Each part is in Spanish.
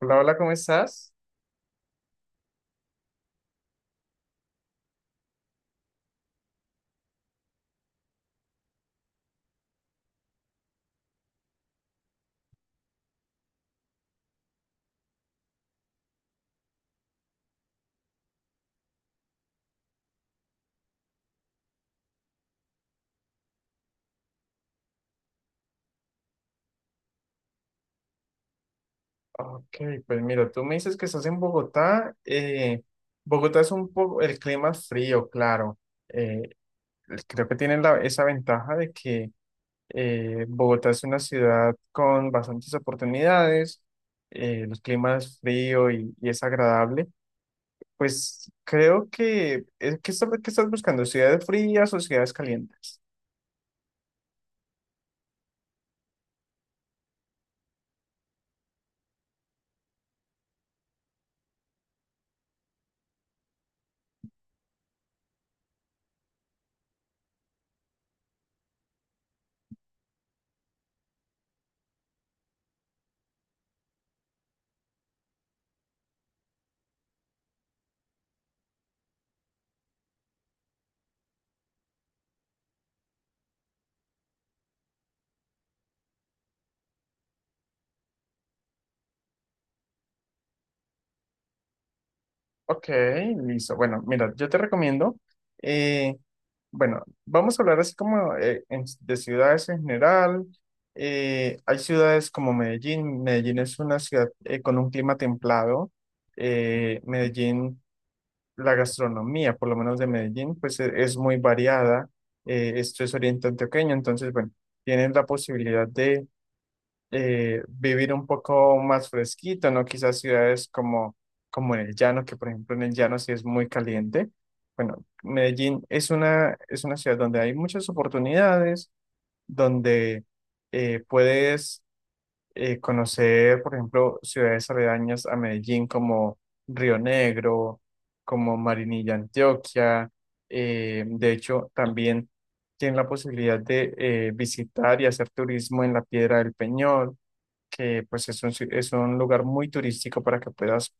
Hola, hola, ¿cómo estás? Ok, pues mira, tú me dices que estás en Bogotá. Bogotá es un poco, el clima es frío, claro. eh, Creo que tiene esa ventaja de que Bogotá es una ciudad con bastantes oportunidades, el clima es frío y es agradable. Pues creo que, ¿qué estás buscando? ¿Ciudades frías o ciudades calientes? Ok, listo. Bueno, mira, yo te recomiendo, eh, bueno, vamos a hablar así como de ciudades en general. Hay ciudades como Medellín. Medellín es una ciudad con un clima templado. Medellín, la gastronomía, por lo menos de Medellín, pues es muy variada. Esto es oriente antioqueño, entonces, bueno, tienes la posibilidad vivir un poco más fresquito, ¿no? Quizás ciudades como en el llano, que por ejemplo en el llano sí es muy caliente. Bueno, Medellín es una ciudad donde hay muchas oportunidades, donde puedes conocer, por ejemplo, ciudades aledañas a Medellín como Río Negro, como Marinilla, Antioquia. De hecho, también tienes la posibilidad de visitar y hacer turismo en la Piedra del Peñol que pues es un, si- es un lugar muy turístico para que puedas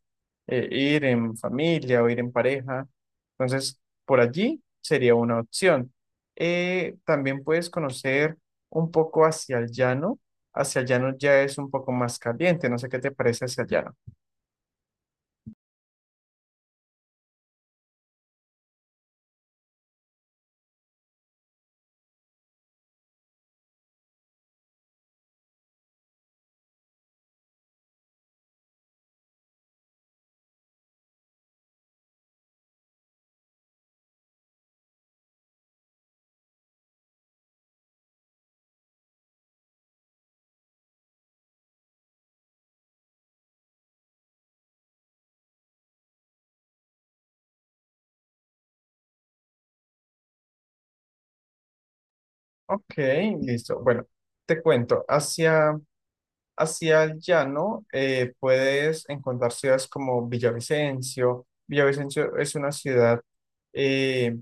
ir en familia o ir en pareja. Entonces, por allí sería una opción. También puedes conocer un poco hacia el llano. Hacia el llano ya es un poco más caliente. No sé qué te parece hacia el llano. Ok, listo. Bueno, te cuento. Hacia el llano, puedes encontrar ciudades como Villavicencio. Villavicencio es una ciudad eh,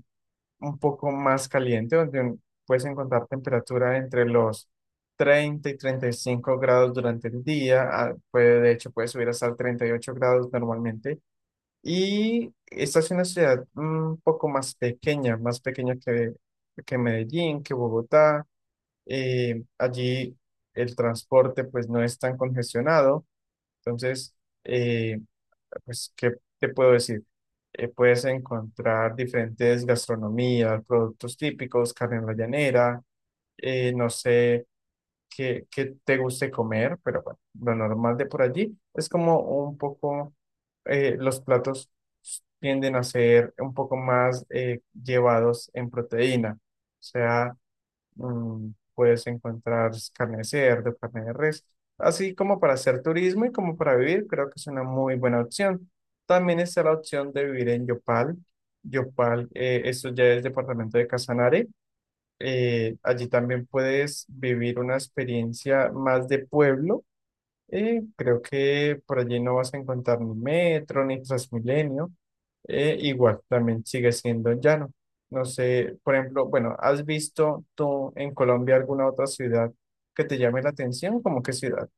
un poco más caliente, donde puedes encontrar temperatura entre los 30 y 35 grados durante el día. Puede, de hecho, puede subir hasta 38 grados normalmente. Y esta es una ciudad un poco más pequeña que, Medellín, que Bogotá. Allí el transporte pues no es tan congestionado. Entonces, eh, pues, ¿qué te puedo decir? Puedes encontrar diferentes gastronomías, productos típicos, carne en la llanera. No sé qué te guste comer, pero bueno, lo normal de por allí es como un poco, los platos tienden a ser un poco más llevados en proteína. O sea, puedes encontrar carne de cerdo, carne de res, así como para hacer turismo y como para vivir, creo que es una muy buena opción. También está la opción de vivir en Yopal. Yopal, esto ya es departamento de Casanare. Allí también puedes vivir una experiencia más de pueblo y creo que por allí no vas a encontrar ni metro ni Transmilenio. Igual también sigue siendo llano. No sé, por ejemplo, bueno, ¿has visto tú en Colombia alguna otra ciudad que te llame la atención? ¿Cómo qué ciudad?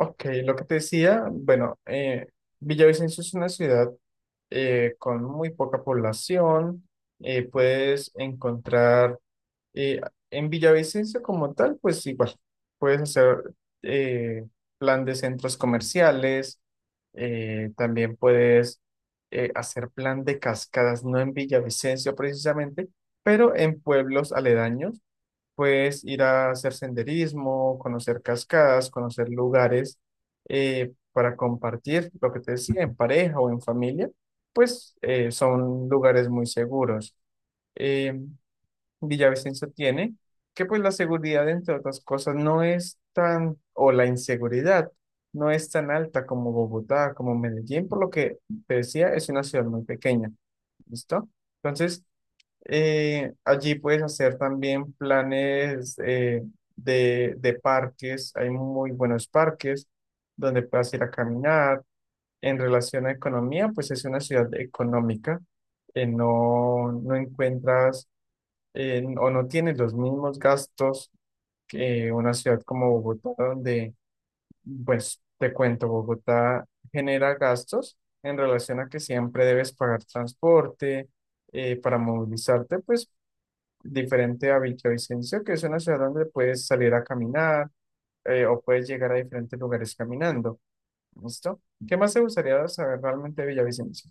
Ok, lo que te decía, bueno, Villavicencio es una ciudad con muy poca población. Puedes encontrar. Eh, en Villavicencio como tal, pues igual, puedes hacer eh, plan de centros comerciales, también puedes hacer plan de cascadas, no en Villavicencio precisamente, pero en pueblos aledaños, puedes ir a hacer senderismo, conocer cascadas, conocer lugares para compartir, lo que te decía, en pareja o en familia, pues son lugares muy seguros. Em, Villavicencio tiene, que pues la seguridad, entre otras cosas, no es tan, o la inseguridad no es tan alta como Bogotá, como Medellín, por lo que te decía, es una ciudad muy pequeña, ¿listo? Entonces, allí puedes hacer también planes de parques, hay muy buenos parques donde puedas ir a caminar. En relación a economía, pues es una ciudad económica, no encuentras o no tiene los mismos gastos que una ciudad como Bogotá, donde, pues, te cuento, Bogotá genera gastos en relación a que siempre debes pagar transporte para movilizarte, pues, diferente a Villavicencio, que es una ciudad donde puedes salir a caminar o puedes llegar a diferentes lugares caminando. ¿Listo? ¿Qué más te gustaría saber realmente de Villavicencio?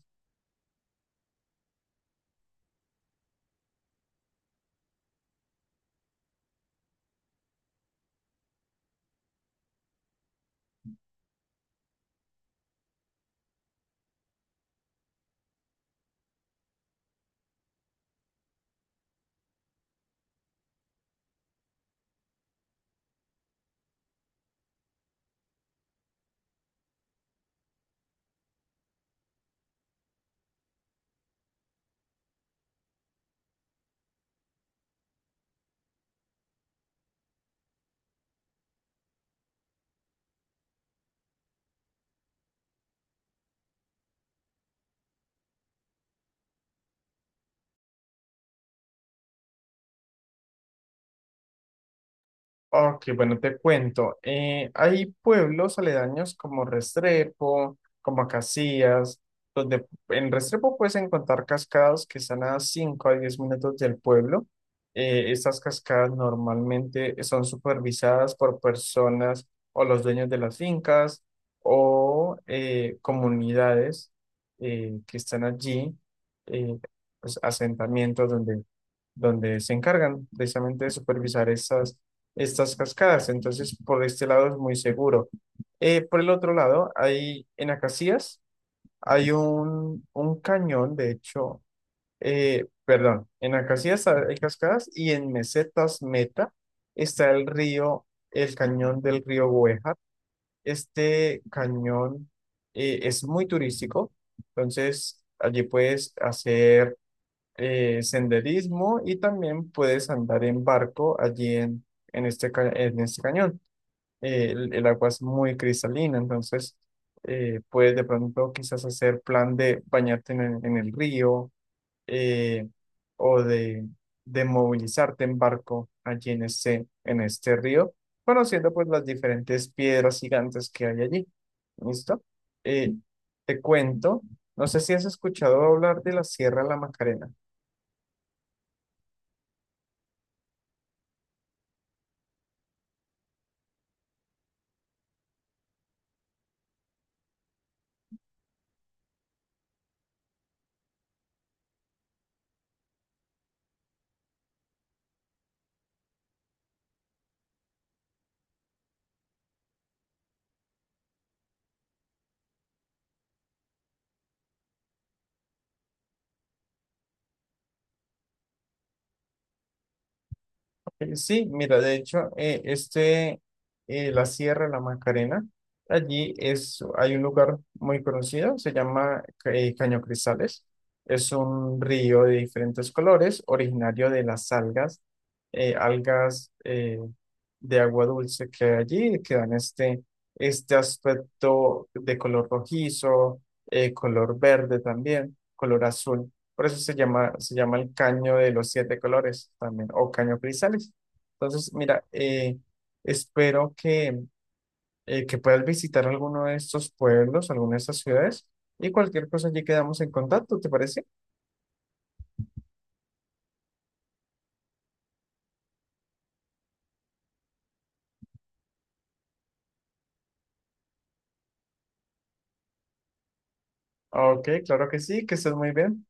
Ok, bueno, te cuento. Hay pueblos aledaños como Restrepo, como Acacías, donde en Restrepo puedes encontrar cascadas que están a 5 a 10 minutos del pueblo. Estas cascadas normalmente son supervisadas por personas o los dueños de las fincas o comunidades que están allí, eh, pues, asentamientos donde se encargan precisamente de supervisar estas cascadas. Entonces, por este lado es muy seguro. Por el otro lado, hay en Acacías, hay un cañón, de hecho, perdón, en Acacías hay cascadas y en Mesetas Meta está el río, el cañón del río Güejar. Este cañón es muy turístico, entonces allí puedes hacer senderismo y también puedes andar en barco allí en este cañón. El agua es muy cristalina, entonces puedes de pronto quizás hacer plan de bañarte en el río eh, o de movilizarte en barco allí en este río, conociendo pues las diferentes piedras gigantes que hay allí. ¿Listo? Eh, Te cuento, no sé si has escuchado hablar de la Sierra de la Macarena. Sí, mira, de hecho, la Sierra de La Macarena, allí es, hay un lugar muy conocido, se llama Caño Cristales. Es un río de diferentes colores, originario de las algas, eh, algas eh, de agua dulce que hay allí, que dan este aspecto de color rojizo, color verde también, color azul. Por eso se llama el caño de los siete colores también, o caño cristales. Entonces, mira, espero que puedas visitar alguno de estos pueblos, alguna de estas ciudades, y cualquier cosa allí quedamos en contacto, ¿te parece? Ok, claro que sí, que estés muy bien.